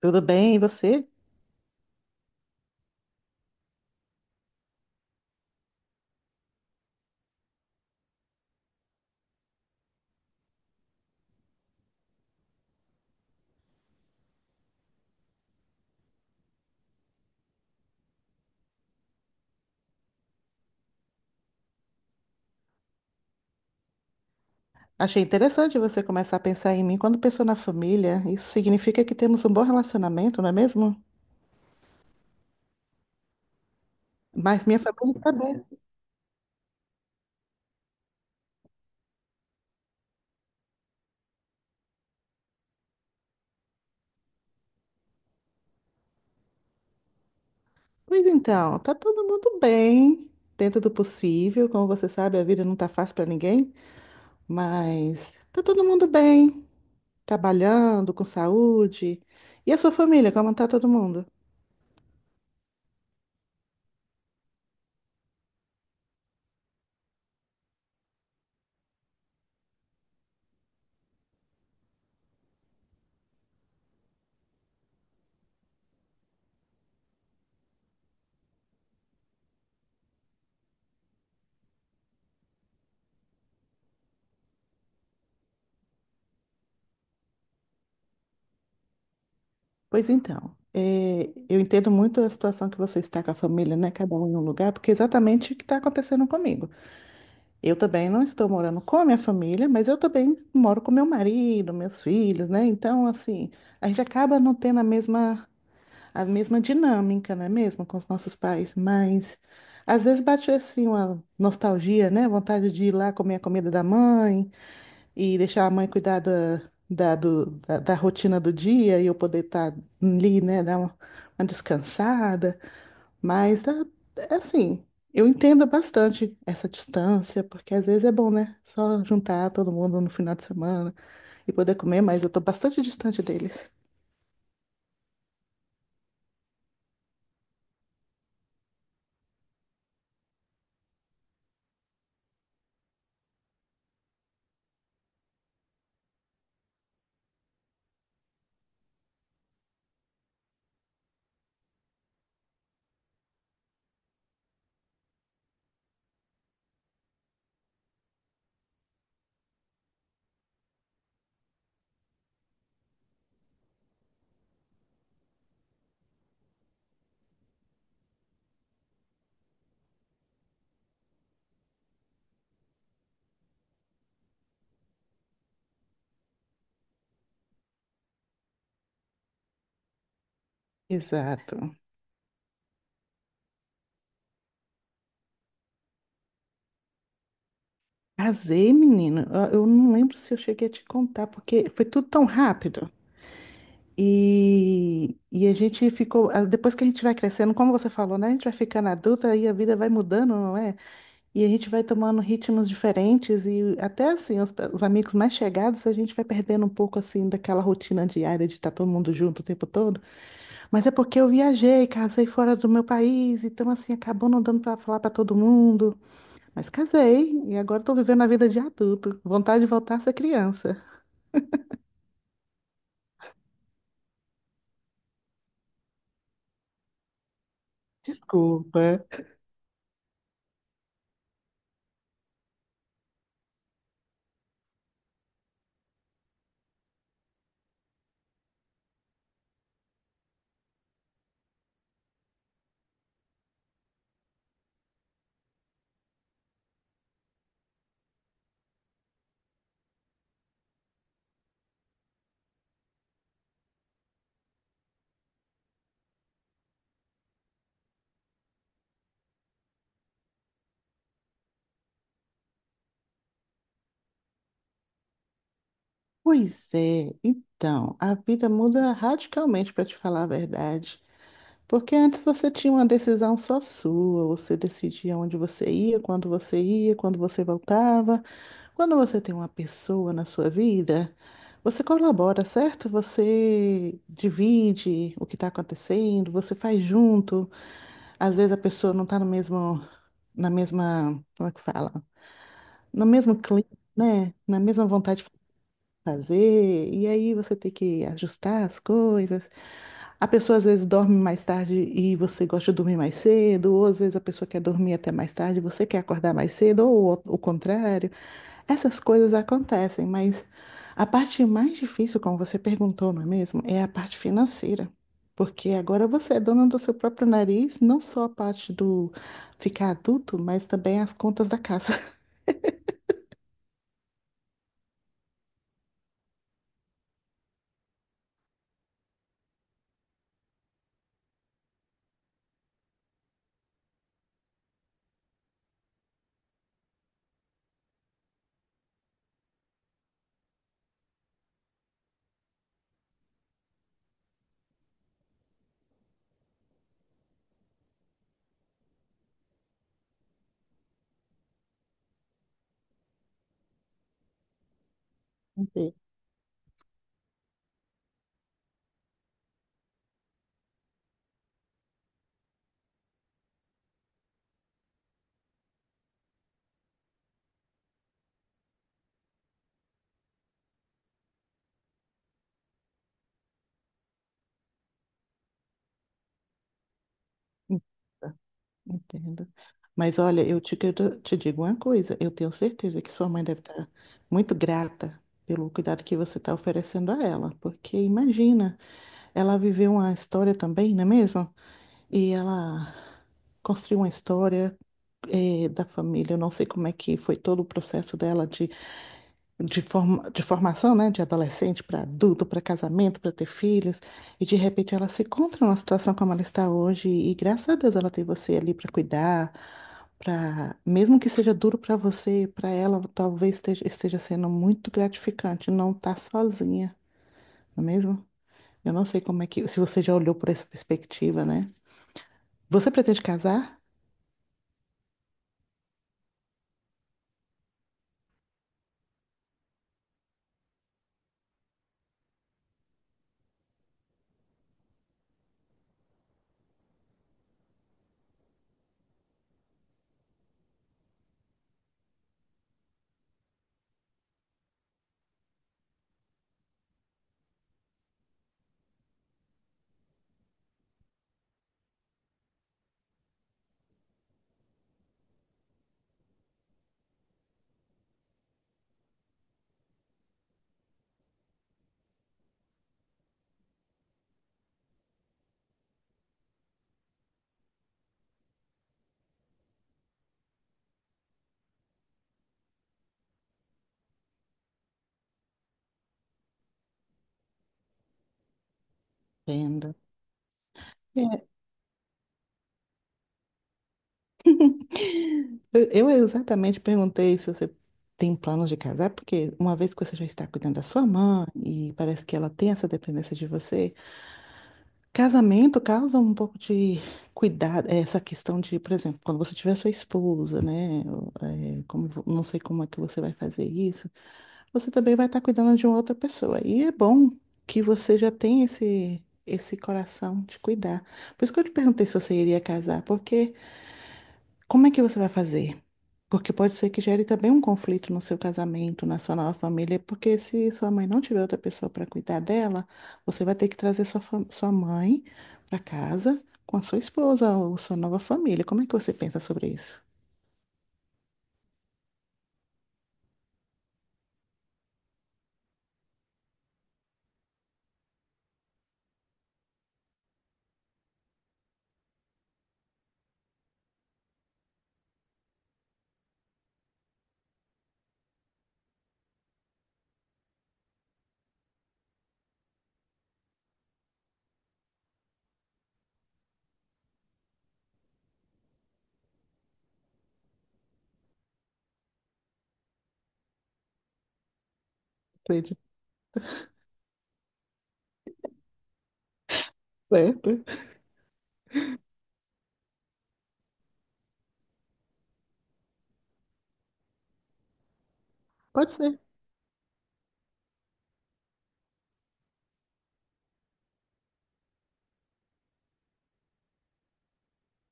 Tudo bem, e você? Achei interessante você começar a pensar em mim quando pensou na família. Isso significa que temos um bom relacionamento, não é mesmo? Mas minha família está bem. Pois então, tá todo mundo bem, dentro do possível. Como você sabe, a vida não tá fácil para ninguém, mas tá todo mundo bem, trabalhando, com saúde. E a sua família, como tá todo mundo? Pois então, eu entendo muito a situação que você está com a família, né? Cada um em um lugar, porque é exatamente o que está acontecendo comigo. Eu também não estou morando com a minha família, mas eu também moro com meu marido, meus filhos, né? Então, assim, a gente acaba não tendo a mesma dinâmica, não é mesmo, com os nossos pais, mas às vezes bate assim uma nostalgia, né? Vontade de ir lá comer a comida da mãe e deixar a mãe cuidar da rotina do dia e eu poder estar ali, né? Dar uma descansada. Mas ah, é assim, eu entendo bastante essa distância, porque às vezes é bom, né? Só juntar todo mundo no final de semana e poder comer, mas eu tô bastante distante deles. Exato. Casei, menino. Eu não lembro se eu cheguei a te contar, porque foi tudo tão rápido. E a gente ficou, ah, depois que a gente vai crescendo, como você falou, né? A gente vai ficando adulta e a vida vai mudando, não é? E a gente vai tomando ritmos diferentes e até assim, os amigos mais chegados, a gente vai perdendo um pouco assim daquela rotina diária de estar todo mundo junto o tempo todo. Mas é porque eu viajei, casei fora do meu país, então assim, acabou não dando para falar para todo mundo. Mas casei e agora estou vivendo a vida de adulto. Vontade de voltar a ser criança. Desculpa. Pois é, então, a vida muda radicalmente, para te falar a verdade. Porque antes você tinha uma decisão só sua, você decidia onde você ia, quando você ia, quando você voltava. Quando você tem uma pessoa na sua vida, você colabora, certo? Você divide o que está acontecendo, você faz junto. Às vezes a pessoa não está no mesmo, na mesma, como é que fala? No mesmo clima, né? Na mesma vontade fazer, e aí você tem que ajustar as coisas. A pessoa às vezes dorme mais tarde e você gosta de dormir mais cedo, ou às vezes a pessoa quer dormir até mais tarde e você quer acordar mais cedo, ou o contrário. Essas coisas acontecem, mas a parte mais difícil, como você perguntou, não é mesmo? É a parte financeira. Porque agora você é dona do seu próprio nariz, não só a parte do ficar adulto, mas também as contas da casa. Entendo. Mas olha, te digo uma coisa, eu tenho certeza que sua mãe deve estar muito grata pelo cuidado que você está oferecendo a ela, porque imagina, ela viveu uma história também, não é mesmo? E ela construiu uma história da família, eu não sei como é que foi todo o processo dela de formação, né, de adolescente para adulto, para casamento, para ter filhos, e de repente ela se encontra numa situação como ela está hoje, e graças a Deus ela tem você ali para cuidar, para mesmo que seja duro para você, para ela talvez esteja sendo muito gratificante não estar sozinha, não é mesmo? Eu não sei como é que, se você já olhou por essa perspectiva, né? Você pretende casar? Entendo. Eu exatamente perguntei se você tem planos de casar, porque uma vez que você já está cuidando da sua mãe e parece que ela tem essa dependência de você, casamento causa um pouco de cuidado, é, essa questão de, por exemplo, quando você tiver sua esposa, né? Ou, é, como, não sei como é que você vai fazer isso, você também vai estar cuidando de uma outra pessoa. E é bom que você já tem esse coração de cuidar. Por isso que eu te perguntei se você iria casar, porque como é que você vai fazer? Porque pode ser que gere também um conflito no seu casamento, na sua nova família, porque se sua mãe não tiver outra pessoa para cuidar dela, você vai ter que trazer sua, sua mãe para casa com a sua esposa ou sua nova família. Como é que você pensa sobre isso? Acredito. Certo. Pode ser.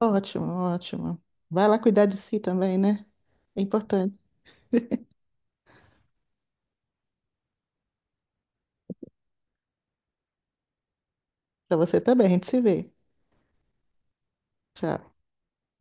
Ótimo, ótimo. Vai lá cuidar de si também, né? É importante. Para você também, a gente se vê. Tchau.